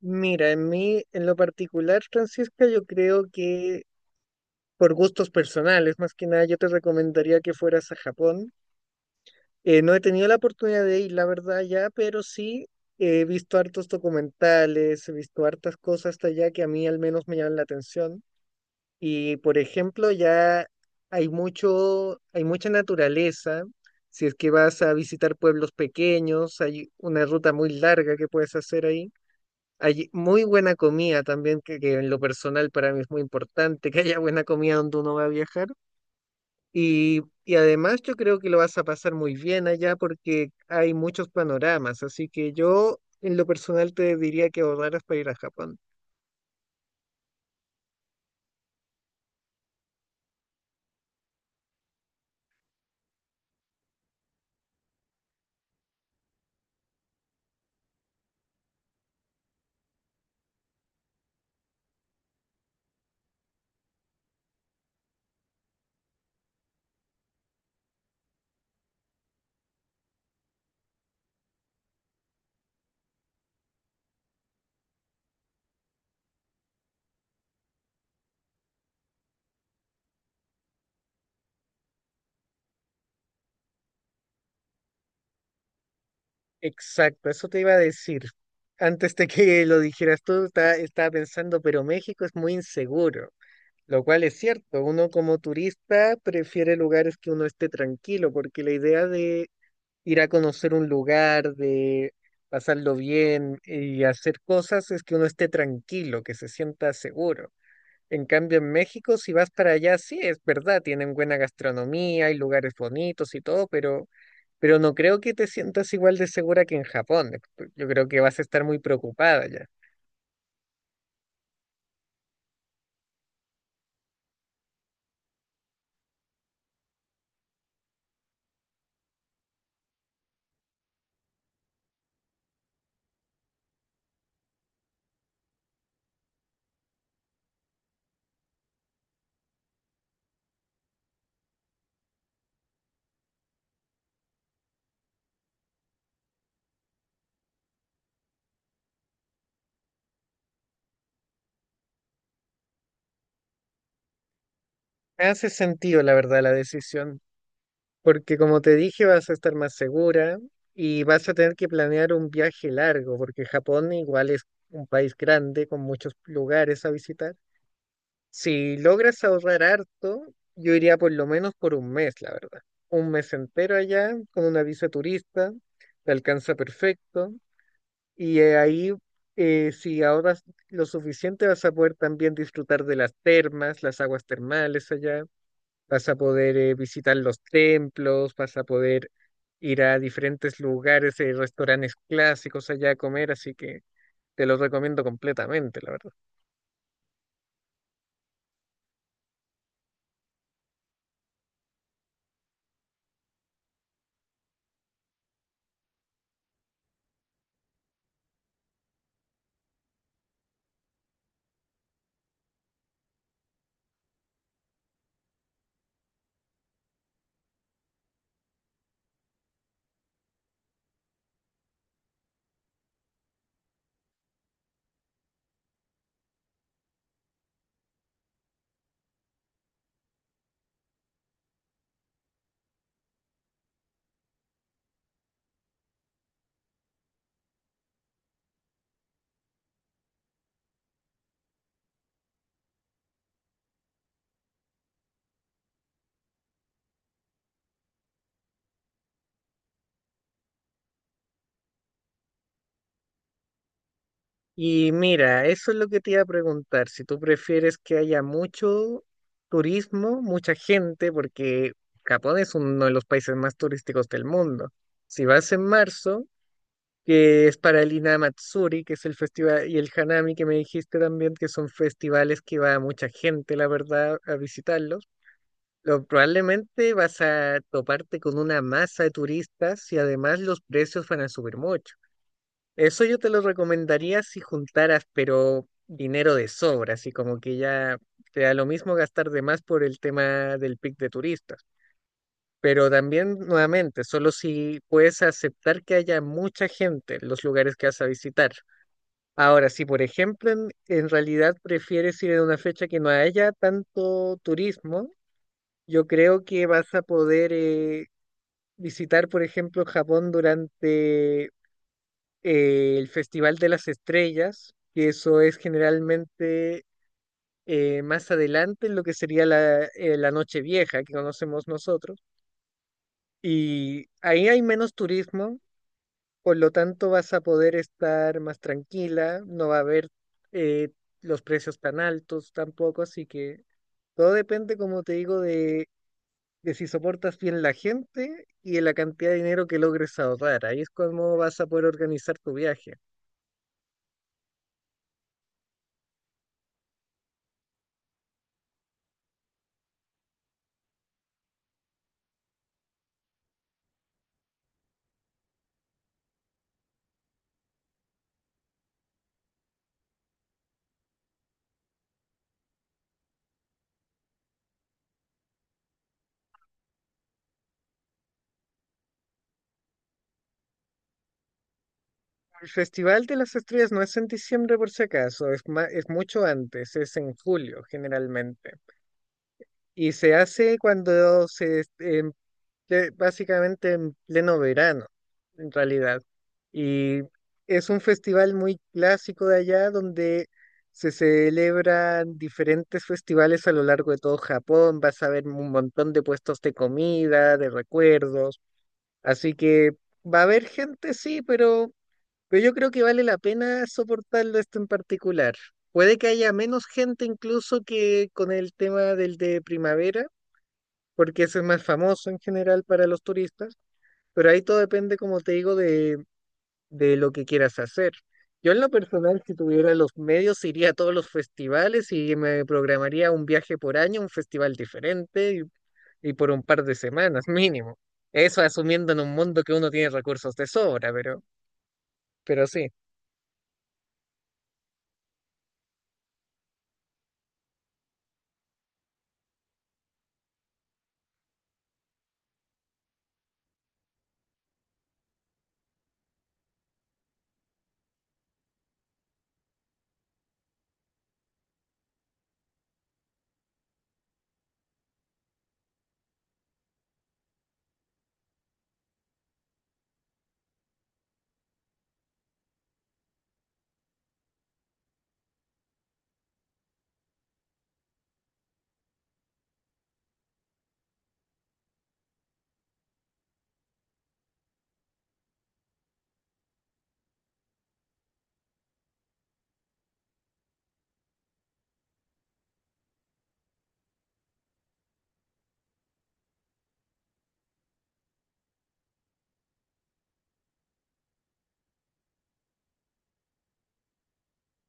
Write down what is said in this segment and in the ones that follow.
Mira, en lo particular, Francisca, yo creo que por gustos personales, más que nada, yo te recomendaría que fueras a Japón. No he tenido la oportunidad de ir, la verdad, ya, pero sí he visto hartos documentales, he visto hartas cosas hasta allá que a mí al menos me llaman la atención. Y, por ejemplo, ya hay mucha naturaleza. Si es que vas a visitar pueblos pequeños, hay una ruta muy larga que puedes hacer ahí. Hay muy buena comida también, que en lo personal para mí es muy importante, que haya buena comida donde uno va a viajar. Y además yo creo que lo vas a pasar muy bien allá porque hay muchos panoramas, así que yo en lo personal te diría que ahorraras para ir a Japón. Exacto, eso te iba a decir. Antes de que lo dijeras tú, estaba pensando, pero México es muy inseguro, lo cual es cierto. Uno como turista prefiere lugares que uno esté tranquilo, porque la idea ir a conocer un lugar, de pasarlo bien y hacer cosas es que uno esté tranquilo, que se sienta seguro. En cambio, en México, si vas para allá, sí, es verdad, tienen buena gastronomía, hay lugares bonitos y todo, pero no creo que te sientas igual de segura que en Japón. Yo creo que vas a estar muy preocupada ya. Hace sentido, la verdad, la decisión. Porque como te dije, vas a estar más segura y vas a tener que planear un viaje largo, porque Japón igual es un país grande con muchos lugares a visitar. Si logras ahorrar harto, yo iría por lo menos por un mes, la verdad. Un mes entero allá con una visa turista, te alcanza perfecto. Y ahí, si ahorras lo suficiente, vas a poder también disfrutar de las termas, las aguas termales allá, vas a poder visitar los templos, vas a poder ir a diferentes lugares, restaurantes clásicos allá a comer, así que te lo recomiendo completamente, la verdad. Y mira, eso es lo que te iba a preguntar, si tú prefieres que haya mucho turismo, mucha gente, porque Japón es uno de los países más turísticos del mundo. Si vas en marzo, que es para el Inamatsuri, que es el festival, y el Hanami, que me dijiste también, que son festivales que va mucha gente, la verdad, a visitarlos. Probablemente vas a toparte con una masa de turistas y además los precios van a subir mucho. Eso yo te lo recomendaría si juntaras, pero dinero de sobra, así como que ya te da lo mismo gastar de más por el tema del pic de turistas. Pero también, nuevamente, solo si puedes aceptar que haya mucha gente en los lugares que vas a visitar. Ahora, si por ejemplo en realidad prefieres ir en una fecha que no haya tanto turismo, yo creo que vas a poder visitar, por ejemplo, Japón durante el Festival de las Estrellas, que eso es generalmente más adelante en lo que sería la Noche Vieja que conocemos nosotros. Y ahí hay menos turismo. Por lo tanto, vas a poder estar más tranquila, no va a haber eh, los precios tan altos tampoco, así que todo depende, como te digo, de si soportas bien la gente y de la cantidad de dinero que logres ahorrar. Ahí es como vas a poder organizar tu viaje. El Festival de las Estrellas no es en diciembre, por si acaso, es mucho antes, es en julio generalmente. Y se hace cuando que básicamente en pleno verano, en realidad. Y es un festival muy clásico de allá donde se celebran diferentes festivales a lo largo de todo Japón. Vas a ver un montón de puestos de comida, de recuerdos. Así que va a haber gente, sí, pero yo creo que vale la pena soportarlo esto en particular. Puede que haya menos gente incluso que con el tema del de primavera, porque ese es más famoso en general para los turistas, pero ahí todo depende, como te digo, de lo que quieras hacer. Yo en lo personal, si tuviera los medios, iría a todos los festivales y me programaría un viaje por año, un festival diferente, y por un par de semanas mínimo. Eso asumiendo en un mundo que uno tiene recursos de sobra, pero sí,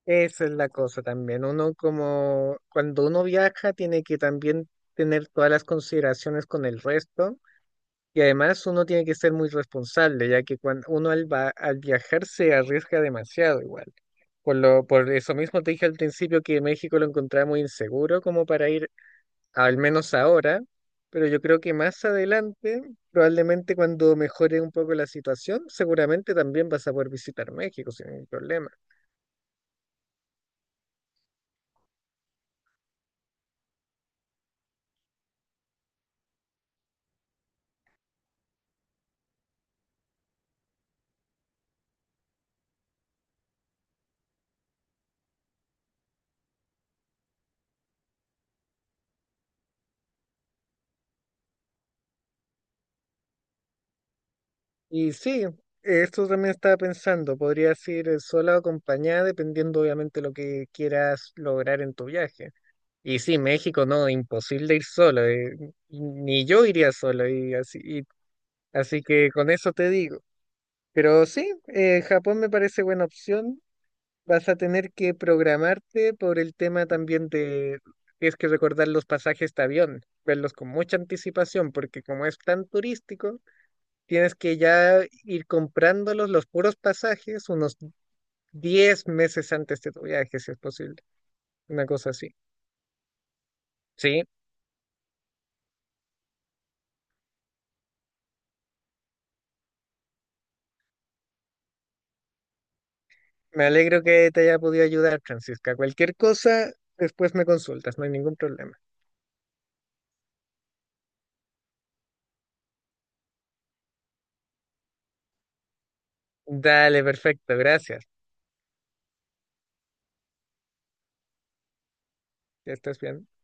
esa es la cosa también. Uno como cuando uno viaja tiene que también tener todas las consideraciones con el resto. Y además uno tiene que ser muy responsable, ya que cuando uno al viajar se arriesga demasiado igual. Por eso mismo te dije al principio que México lo encontraba muy inseguro como para ir, al menos ahora, pero yo creo que más adelante, probablemente cuando mejore un poco la situación, seguramente también vas a poder visitar México sin ningún problema. Y sí, esto también estaba pensando, podrías ir sola o acompañada, dependiendo obviamente lo que quieras lograr en tu viaje. Y sí, México, no, imposible ir solo. Ni yo iría solo, y así, así que con eso te digo. Pero sí, Japón me parece buena opción. Vas a tener que programarte por el tema también de, tienes que recordar los pasajes de avión, verlos con mucha anticipación, porque como es tan turístico, tienes que ya ir comprándolos los puros pasajes unos 10 meses antes de tu viaje, si es posible. Una cosa así. Sí. Me alegro que te haya podido ayudar, Francisca. Cualquier cosa, después me consultas, no hay ningún problema. Dale, perfecto, gracias. Ya estás bien.